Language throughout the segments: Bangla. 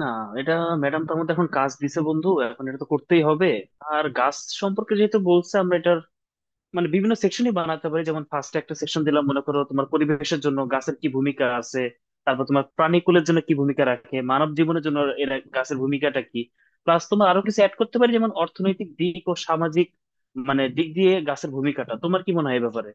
না, এটা ম্যাডাম তো আমাদের এখন কাজ দিছে বন্ধু, এখন এটা তো করতেই হবে। আর গাছ সম্পর্কে যেহেতু বলছে, আমরা এটার মানে বিভিন্ন সেকশনই বানাতে পারি। যেমন ফার্স্টে একটা সেকশন দিলাম মনে করো, তোমার পরিবেশের জন্য গাছের কি ভূমিকা আছে। তারপর তোমার প্রাণীকুলের জন্য কি ভূমিকা রাখে, মানব জীবনের জন্য এর গাছের ভূমিকাটা কি। প্লাস তোমার আরো কিছু অ্যাড করতে পারি, যেমন অর্থনৈতিক দিক ও সামাজিক মানে দিক দিয়ে গাছের ভূমিকাটা তোমার কি মনে হয় এ ব্যাপারে।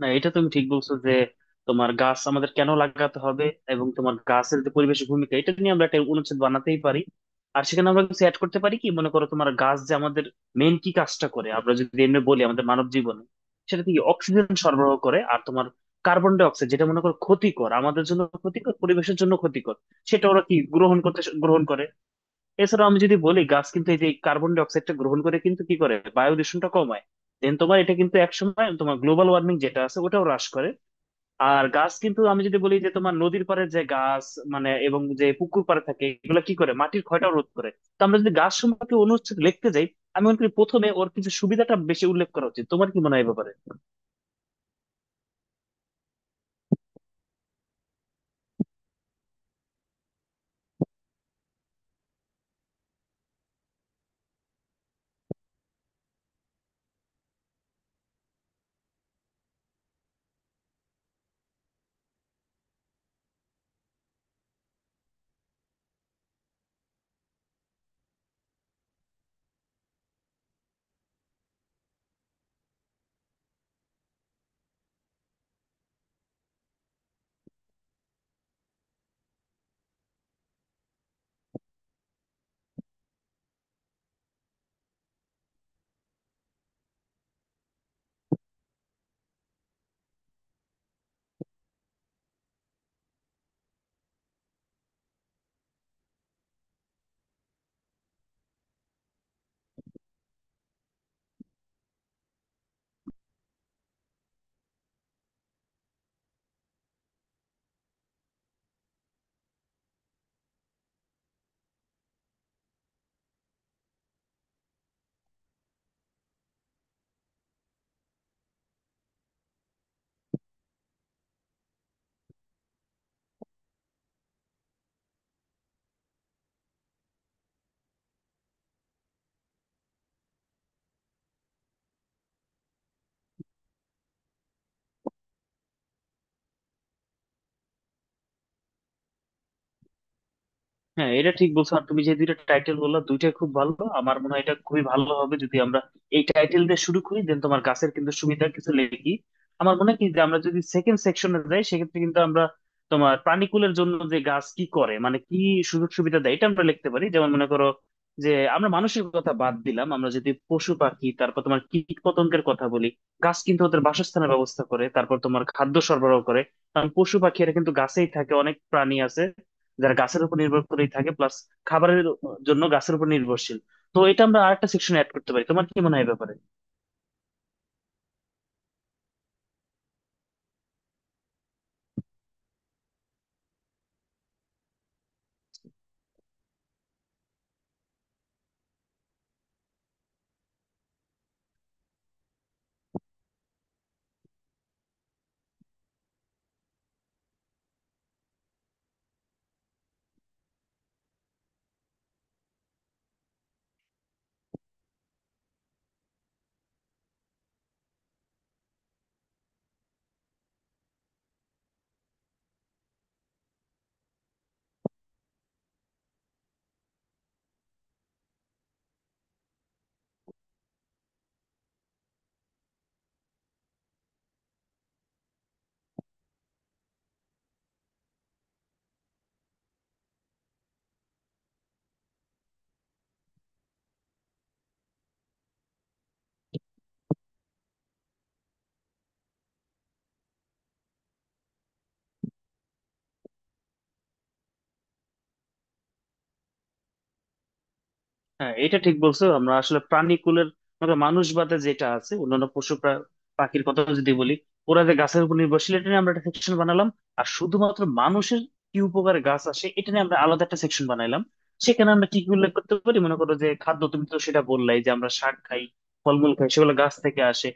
না, এটা তুমি ঠিক বলছো যে তোমার গাছ আমাদের কেন লাগাতে হবে এবং তোমার গাছের যে পরিবেশ ভূমিকা, এটা নিয়ে আমরা একটা অনুচ্ছেদ বানাতেই পারি। আর সেখানে আমরা কিছু অ্যাড করতে পারি, কি মনে করো, তোমার গাছ যে আমাদের মেন কি কাজটা করে। আমরা যদি এমনি বলি, আমাদের মানব জীবনে সেটা থেকে অক্সিজেন সরবরাহ করে। আর তোমার কার্বন ডাই অক্সাইড, যেটা মনে করো ক্ষতিকর, আমাদের জন্য ক্ষতিকর, পরিবেশের জন্য ক্ষতিকর, সেটা ওরা কি গ্রহণ করে। এছাড়াও আমি যদি বলি, গাছ কিন্তু এই যে কার্বন ডাই অক্সাইডটা গ্রহণ করে, কিন্তু কি করে বায়ু দূষণটা কমায়। দেন তোমার এটা কিন্তু একসময় তোমার গ্লোবাল ওয়ার্মিং যেটা আছে, ওটাও হ্রাস করে। আর গাছ কিন্তু, আমি যদি বলি যে তোমার নদীর পাড়ে যে গাছ, মানে এবং যে পুকুর পাড়ে থাকে, এগুলো কি করে মাটির ক্ষয়টাও রোধ করে। তো আমরা যদি গাছ সম্পর্কে অনুচ্ছেদ লিখতে যাই, আমি মনে করি প্রথমে ওর কিছু সুবিধাটা বেশি উল্লেখ করা উচিত। তোমার কি মনে হয় এ ব্যাপারে? হ্যাঁ, এটা ঠিক বলছো, আর তুমি যে দুইটা টাইটেল বললা দুইটাই খুব ভালো। আমার মনে হয় এটা খুবই ভালো হবে যদি আমরা এই টাইটেল দিয়ে শুরু করি। দেন তোমার গাছের কিন্তু সুবিধা কিছু লিখি। আমার মনে হয় কি, যে আমরা যদি সেকেন্ড সেকশনে যাই, সেক্ষেত্রে কিন্তু আমরা তোমার প্রাণীকুলের জন্য যে গাছ কি করে, মানে কি সুযোগ সুবিধা দেয়, এটা আমরা লিখতে পারি। যেমন মনে করো যে আমরা মানুষের কথা বাদ দিলাম, আমরা যদি পশু পাখি, তারপর তোমার কীট পতঙ্গের কথা বলি, গাছ কিন্তু ওদের বাসস্থানের ব্যবস্থা করে, তারপর তোমার খাদ্য সরবরাহ করে। কারণ পশু পাখি এরা কিন্তু গাছেই থাকে, অনেক প্রাণী আছে যারা গাছের উপর নির্ভর করেই থাকে, প্লাস খাবারের জন্য গাছের উপর নির্ভরশীল। তো এটা আমরা আরেকটা সেকশন অ্যাড করতে পারি। তোমার কি মনে হয় এ ব্যাপারে? হ্যাঁ, এটা ঠিক বলছো। আমরা আসলে প্রাণীকুলের মানে মানুষ বাদে যেটা আছে অন্যান্য পশু পাখির কথা যদি বলি, ওরা যে গাছের উপর নির্ভরশীল, এটা নিয়ে আমরা একটা সেকশন বানালাম। আর শুধুমাত্র মানুষের কি উপকারে গাছ আসে, এটা নিয়ে আমরা আলাদা একটা সেকশন বানাইলাম। সেখানে আমরা কি কি উল্লেখ করতে পারি, মনে করো যে খাদ্য, তুমি তো সেটা বললাই যে আমরা শাক খাই, ফলমূল খাই, সেগুলো গাছ থেকে আসে।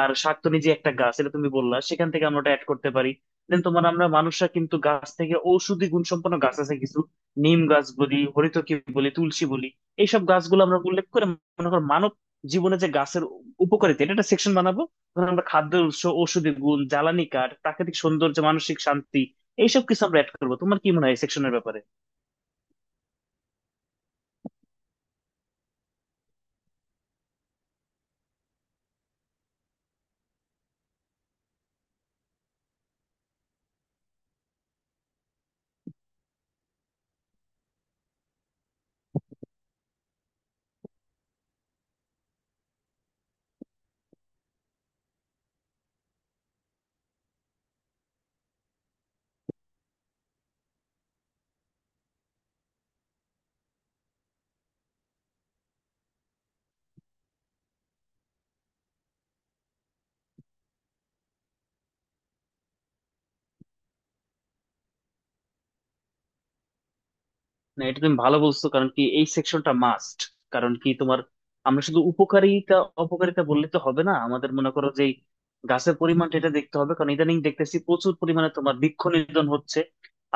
আর শাক তো নিজে একটা গাছ, এটা তুমি বললা, সেখান থেকে আমরা ওটা অ্যাড করতে পারি। দেন তোমার আমরা মানুষরা কিন্তু গাছ থেকে, ঔষধি গুণসম্পন্ন গাছ আছে কিছু, নিম গাছ বলি, হরিতকি বলি, তুলসী বলি, এইসব গাছগুলো আমরা উল্লেখ করে মনে করো মানব জীবনে যে গাছের উপকারিতা, এটা একটা সেকশন বানাবো। ধর আমরা খাদ্যের উৎস, ঔষধি গুণ, জ্বালানি কাঠ, প্রাকৃতিক সৌন্দর্য, মানসিক শান্তি, এইসব কিছু আমরা অ্যাড করবো। তোমার কি মনে হয় সেকশনের ব্যাপারে? না, এটা তুমি ভালো বলছো, কারণ কি এই সেকশনটা মাস্ট। কারণ কি তোমার, আমরা শুধু উপকারিতা অপকারিতা বললে তো হবে না, আমাদের মনে করো যে এই গাছের পরিমাণটা এটা দেখতে হবে। কারণ ইদানিং দেখতেছি প্রচুর পরিমাণে তোমার বৃক্ষ নিধন হচ্ছে।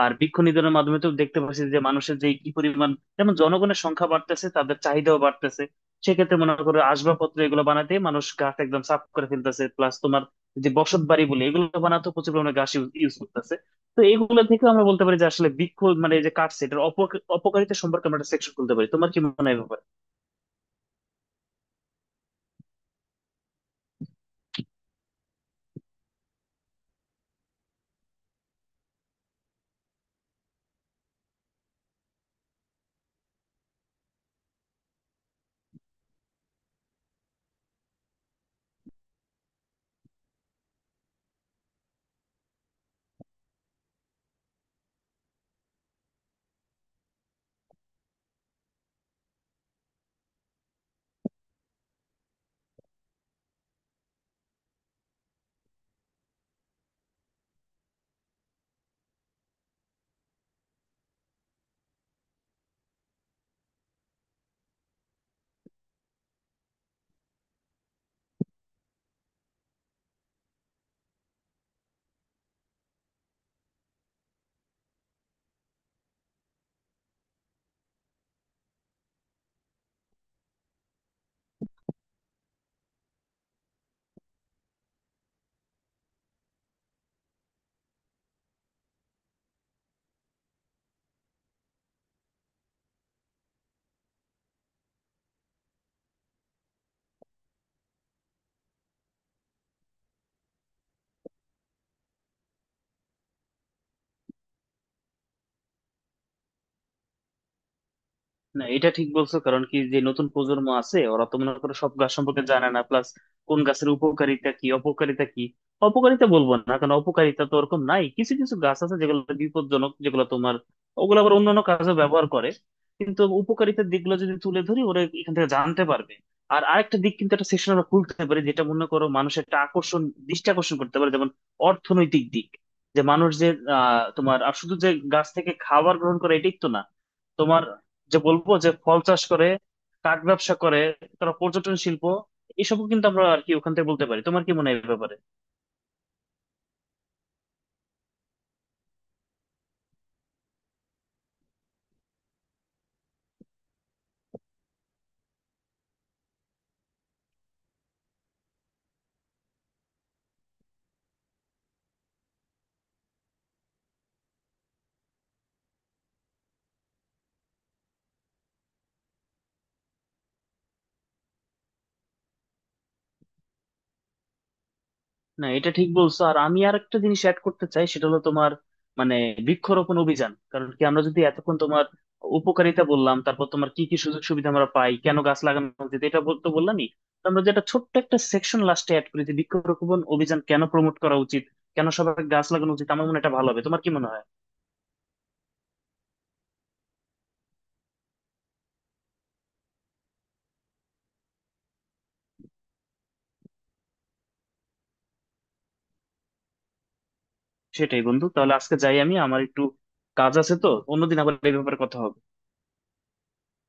আর বৃক্ষ নিধনের মাধ্যমে তো দেখতে পাচ্ছি যে মানুষের যে কি পরিমাণ, যেমন জনগণের সংখ্যা বাড়তেছে, তাদের চাহিদাও বাড়তেছে। সেক্ষেত্রে মনে করো আসবাবপত্র এগুলো বানাতে মানুষ গাছ একদম সাফ করে ফেলতেছে, প্লাস তোমার যে বসত বাড়ি বলে এগুলো বানাতে প্রচুর পরিমাণে গাছ ইউজ করতেছে। তো এইগুলো থেকে আমরা বলতে পারি যে আসলে বিক্ষোভ মানে এই যে কাটছে, এটার অপকারিতা সম্পর্কে আমরা একটা সেকশন খুলতে পারি। তোমার কি মনে হয় এ ব্যাপারে? না, এটা ঠিক বলছো, কারণ কি যে নতুন প্রজন্ম আছে ওরা তো মনে করো সব গাছ সম্পর্কে জানে না, প্লাস কোন গাছের উপকারিতা কি, অপকারিতা কি। অপকারিতা বলবো না, কারণ অপকারিতা তো ওরকম নাই, কিছু কিছু গাছ আছে যেগুলো বিপজ্জনক, যেগুলো তোমার, ওগুলো আবার অন্যান্য কাজে ব্যবহার করে। কিন্তু উপকারিতার দিকগুলো যদি তুলে ধরি, ওরা এখান থেকে জানতে পারবে। আর আরেকটা দিক কিন্তু একটা সেশন আমরা খুলতে পারি, যেটা মনে করো মানুষের একটা আকর্ষণ, দৃষ্টি আকর্ষণ করতে পারে, যেমন অর্থনৈতিক দিক। যে মানুষ যে, তোমার আর শুধু যে গাছ থেকে খাবার গ্রহণ করে এটাই তো না, তোমার, যে বলবো যে ফল চাষ করে, কাঠ ব্যবসা করে, তারা পর্যটন শিল্প, এসবও কিন্তু আমরা আর কি ওখান থেকে বলতে পারি। তোমার কি মনে হয় এই ব্যাপারে? না, এটা ঠিক বলছো, আর আমি আর একটা জিনিস অ্যাড করতে চাই, সেটা হলো তোমার মানে বৃক্ষরোপণ অভিযান। কারণ কি, আমরা যদি এতক্ষণ তোমার উপকারিতা বললাম, তারপর তোমার কি কি সুযোগ সুবিধা আমরা পাই, কেন গাছ লাগানো উচিত, এটা তো বললামই। তো আমরা যেটা ছোট্ট একটা সেকশন লাস্টে অ্যাড করি যে বৃক্ষরোপণ অভিযান কেন প্রমোট করা উচিত, কেন সবাই গাছ লাগানো উচিত। আমার মনে হয় এটা ভালো হবে। তোমার কি মনে হয়? সেটাই বন্ধু, তাহলে আজকে যাই, আমি আমার একটু কাজ আছে, তো অন্যদিন আবার এই ব্যাপারে কথা হবে।